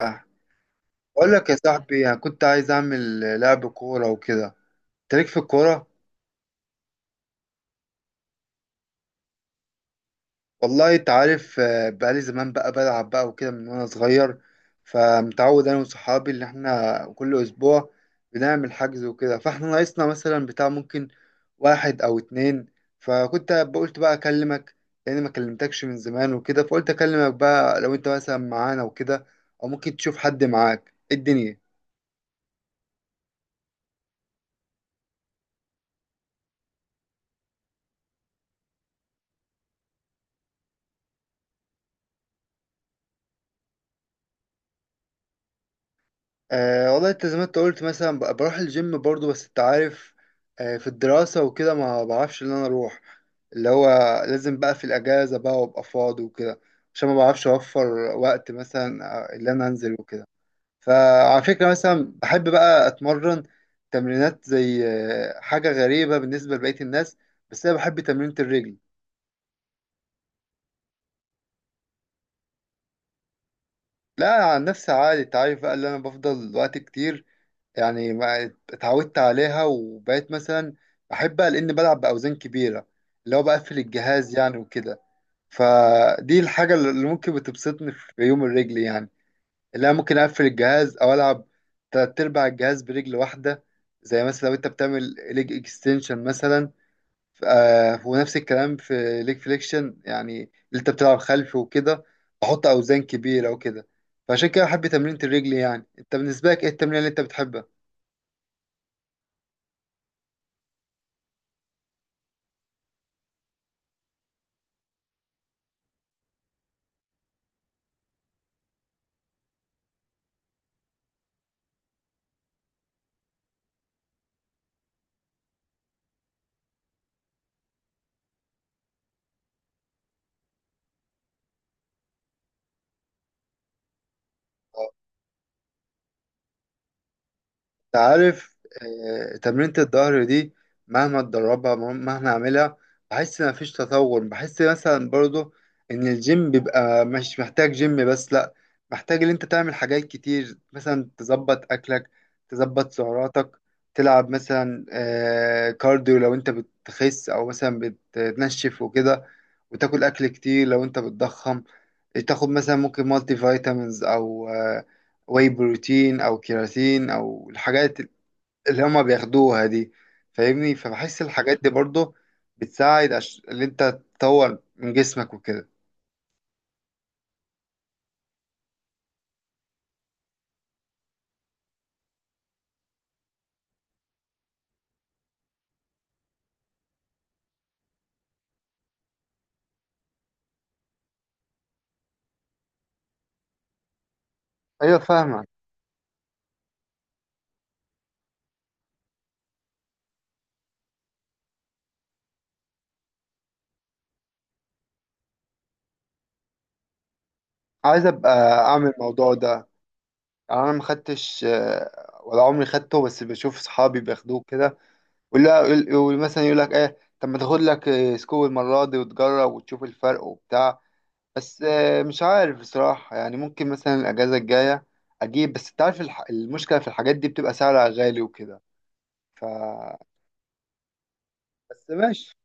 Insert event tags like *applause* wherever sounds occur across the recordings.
آه. بقول لك يا صاحبي، أنا كنت عايز اعمل لعب كوره وكده. انت ليك في الكوره؟ والله انت عارف، بقالي زمان بقى بلعب بقى وكده من وانا صغير. فمتعود انا وصحابي ان احنا كل اسبوع بنعمل حجز وكده، فاحنا ناقصنا مثلا بتاع ممكن واحد او اتنين. فكنت قلت بقى اكلمك، لان ما كلمتكش من زمان وكده، فقلت اكلمك بقى لو انت مثلا معانا وكده، او ممكن تشوف حد معاك. إيه الدنيا؟ أه، والله انت زي ما انت قلت، مثلا بروح الجيم برضو، بس انت عارف، في الدراسة وكده ما بعرفش ان انا اروح، اللي هو لازم بقى في الاجازة بقى، وابقى فاضي وكده، عشان ما بعرفش اوفر وقت مثلا، اللي انا انزل وكده. فعلى فكرة، مثلا بحب بقى اتمرن تمرينات زي حاجة غريبة بالنسبة لبقية الناس، بس انا بحب تمرينة الرجل. لا، عن نفسي عادي، انت عارف بقى، اللي انا بفضل وقت كتير، يعني ما اتعودت عليها وبقيت مثلا بحبها لأني بلعب بأوزان كبيرة، اللي هو بقفل الجهاز يعني وكده. فدي الحاجة اللي ممكن بتبسطني في يوم الرجل، يعني اللي أنا ممكن أقفل الجهاز أو ألعب تلات أرباع الجهاز برجل واحدة. زي مثلا لو أنت بتعمل ليج اكستنشن مثلا، ونفس الكلام في ليج فليكشن، يعني اللي أنت بتلعب خلفي وكده، بحط أوزان كبيرة وكده. فعشان كده بحب تمرينة الرجل. يعني أنت بالنسبة لك، إيه التمرين اللي أنت بتحبها؟ عارف، تمرينة الظهر دي مهما اتدربها، مهما اعملها، بحس ان مفيش تطور. بحس مثلا برضو ان الجيم بيبقى، مش محتاج جيم بس، لا، محتاج ان انت تعمل حاجات كتير، مثلا تظبط اكلك، تظبط سعراتك، تلعب مثلا كارديو لو انت بتخس، او مثلا بتنشف وكده، وتاكل اكل كتير لو انت بتضخم، تاخد مثلا ممكن مالتي فيتامينز او واي بروتين او كيراتين، او الحاجات اللي هما بياخدوها دي. فاهمني؟ فبحس الحاجات دي برضو بتساعد اللي انت تطور من جسمك وكده. ايوه، فاهمك. عايز ابقى اعمل الموضوع ده، يعني انا ما خدتش ولا عمري خدته، بس بشوف صحابي بياخدوه كده، ولا مثلا يقول لك ايه، طب ما تاخد لك سكوب المره دي وتجرب وتشوف الفرق وبتاع. بس مش عارف بصراحه، يعني ممكن مثلا الاجازه الجايه اجيب، بس انت عارف، المشكله في الحاجات دي بتبقى سعرها غالي وكده. ف، بس ماشي.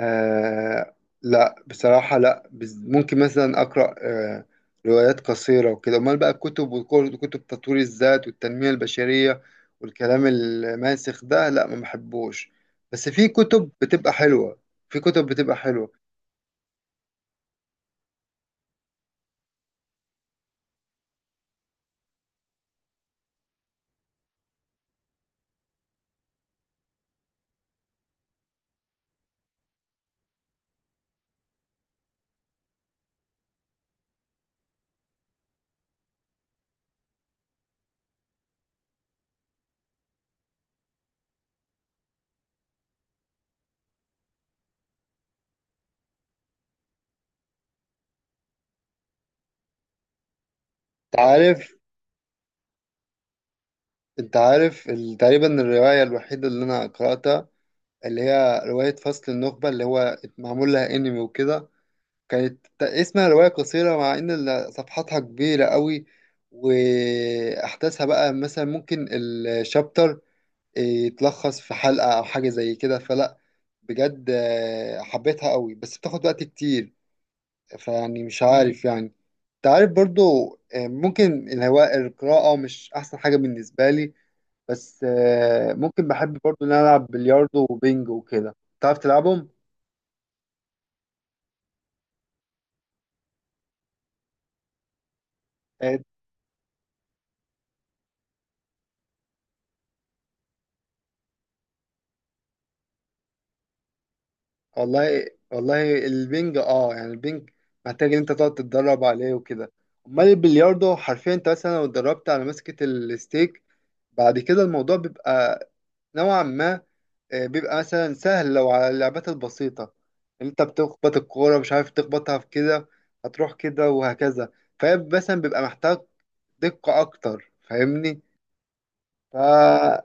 آه، لا بصراحة، لا ممكن مثلا أقرأ روايات قصيرة وكده. أمال بقى الكتب وكتب تطوير الذات والتنمية البشرية، والكلام الماسخ ده، لا ما بحبوش، بس في كتب بتبقى حلوة، في كتب بتبقى حلوة. أنت عارف أنت عارف تقريبا الرواية الوحيدة اللي أنا قرأتها، اللي هي رواية فصل النخبة، اللي هو معمول لها أنمي وكده، كانت اسمها رواية قصيرة، مع إن صفحاتها كبيرة قوي، وأحداثها بقى مثلا ممكن الشابتر يتلخص في حلقة أو حاجة زي كده. فلا، بجد حبيتها قوي، بس بتاخد وقت كتير، فيعني مش عارف يعني. تعرف برضو، ممكن الهواء القراءة مش أحسن حاجة بالنسبة لي، بس ممكن بحب برضو إن أنا ألعب بلياردو وبينج وكده. تعرف تلعبهم؟ والله، والله البنج، يعني البنج محتاج ان انت تقعد تتدرب عليه وكده. امال البلياردو، حرفيا انت مثلا لو اتدربت على مسكة الستيك، بعد كده الموضوع بيبقى نوعا ما، بيبقى مثلا سهل لو على اللعبات البسيطة اللي انت بتخبط الكورة، مش عارف تخبطها في كده هتروح كده وهكذا. فهي مثلا بيبقى محتاج دقة أكتر. فاهمني؟ ف،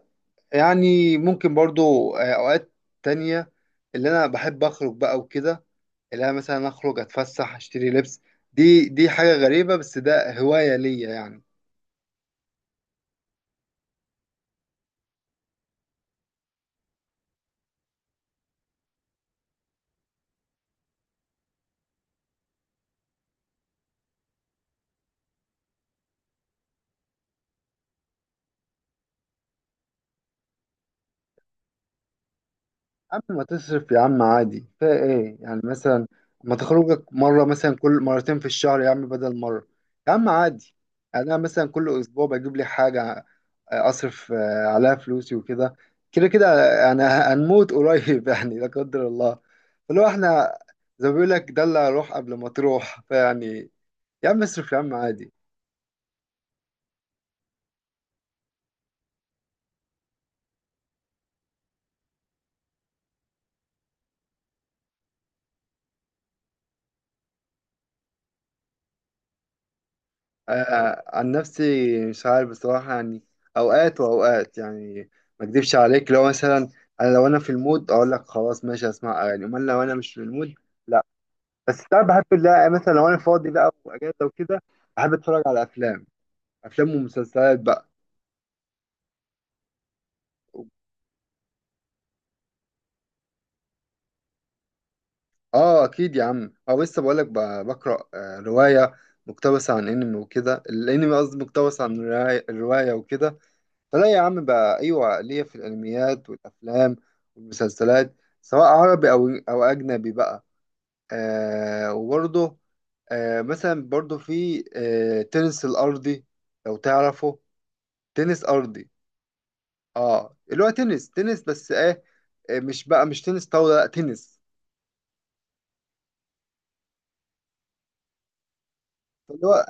يعني ممكن برضو أوقات تانية، اللي أنا بحب أخرج بقى وكده، اللي انا مثلا اخرج اتفسح اشتري لبس. دي حاجة غريبة، بس ده هواية ليا يعني. اما ما تصرف يا عم عادي، فا ايه يعني؟ مثلا ما تخرجك مرة، مثلا كل مرتين في الشهر يا عم، بدل مرة، يا عم عادي. يعني انا مثلا كل اسبوع بجيب لي حاجة، اصرف عليها فلوسي وكده. كده كده، انا هنموت قريب *laughs* يعني، لا قدر الله. فلو احنا، زي ما بيقول لك، دلع روح قبل ما تروح. فيعني يا عم اصرف، يا عم عادي. عن نفسي مش عارف بصراحة يعني، أوقات وأوقات يعني. ما أكدبش عليك، لو مثلا أنا، لو أنا في المود أقول لك خلاص ماشي، أسمع أغاني، أمال لو أنا مش في المود، لا. بس ساعات بحب، لا مثلا لو أنا فاضي بقى وأجازة وكده، بحب أتفرج على أفلام، أفلام ومسلسلات بقى. آه أكيد يا عم، أو لسه بقول لك، بقرأ رواية مقتبسة عن أنمي وكده. الأنمي قصدي مقتبس عن الرواية، الرواية وكده. فلا يا عم بقى، ايوه ليا في الانميات والافلام والمسلسلات، سواء عربي او اجنبي بقى. آه، وبرضه مثلا، برضه في تنس الارضي، لو تعرفه، تنس ارضي. اه، اللي هو تنس تنس، بس ايه، مش بقى مش تنس طاوله، لا تنس، اللي هو،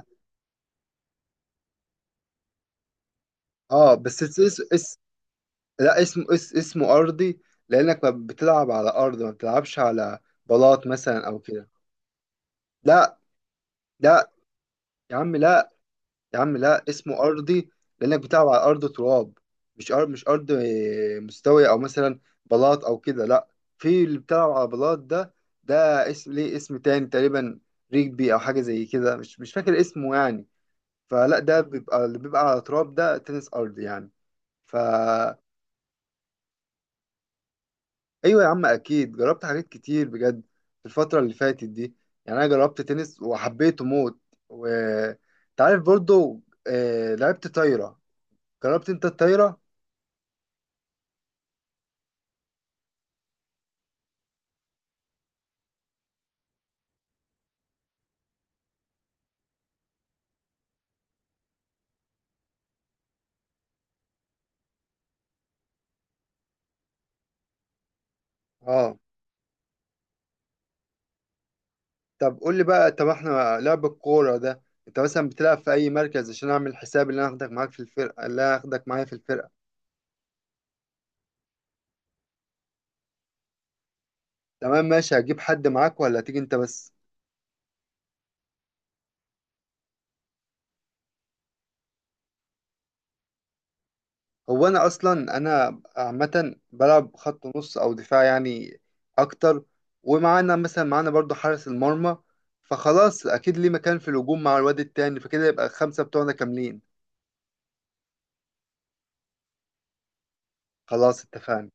اه بس اس اس اس. لا اسمه اس، اسمه ارضي، لانك ما بتلعب على ارض، ما بتلعبش على بلاط مثلا او كده. لا. لا يا عم لا، يا عم لا، اسمه أرضي لأنك بتلعب على أرض تراب، مش أرض مش أرض، مستوية أو مثلا بلاط أو كده، لا. في اللي بتلعب على بلاط ده، ده اسم ليه اسم تاني تقريبا، ريجبي أو حاجة زي كده، مش فاكر اسمه يعني. فلا، ده بيبقى اللي بيبقى على تراب، ده تنس أرض يعني. فا، أيوة يا عم أكيد، جربت حاجات كتير بجد في الفترة اللي فاتت دي. يعني أنا جربت تنس وحبيته موت. وتعرف برضو، لعبت طايرة. جربت أنت الطايرة؟ اه. طب قول لي بقى، طب احنا لعب الكورة ده، انت مثلا بتلعب في اي مركز، عشان اعمل حساب اللي انا هاخدك معاك في الفرقة، اللي انا هاخدك معايا في الفرقة. تمام ماشي، هجيب حد معاك ولا هتيجي انت بس؟ هو انا اصلا، انا عامة بلعب خط نص او دفاع يعني، اكتر. ومعانا مثلا، معانا برضو حارس المرمى، فخلاص اكيد ليه مكان في الهجوم مع الواد التاني، فكده يبقى الخمسة بتوعنا كاملين. خلاص، اتفقنا.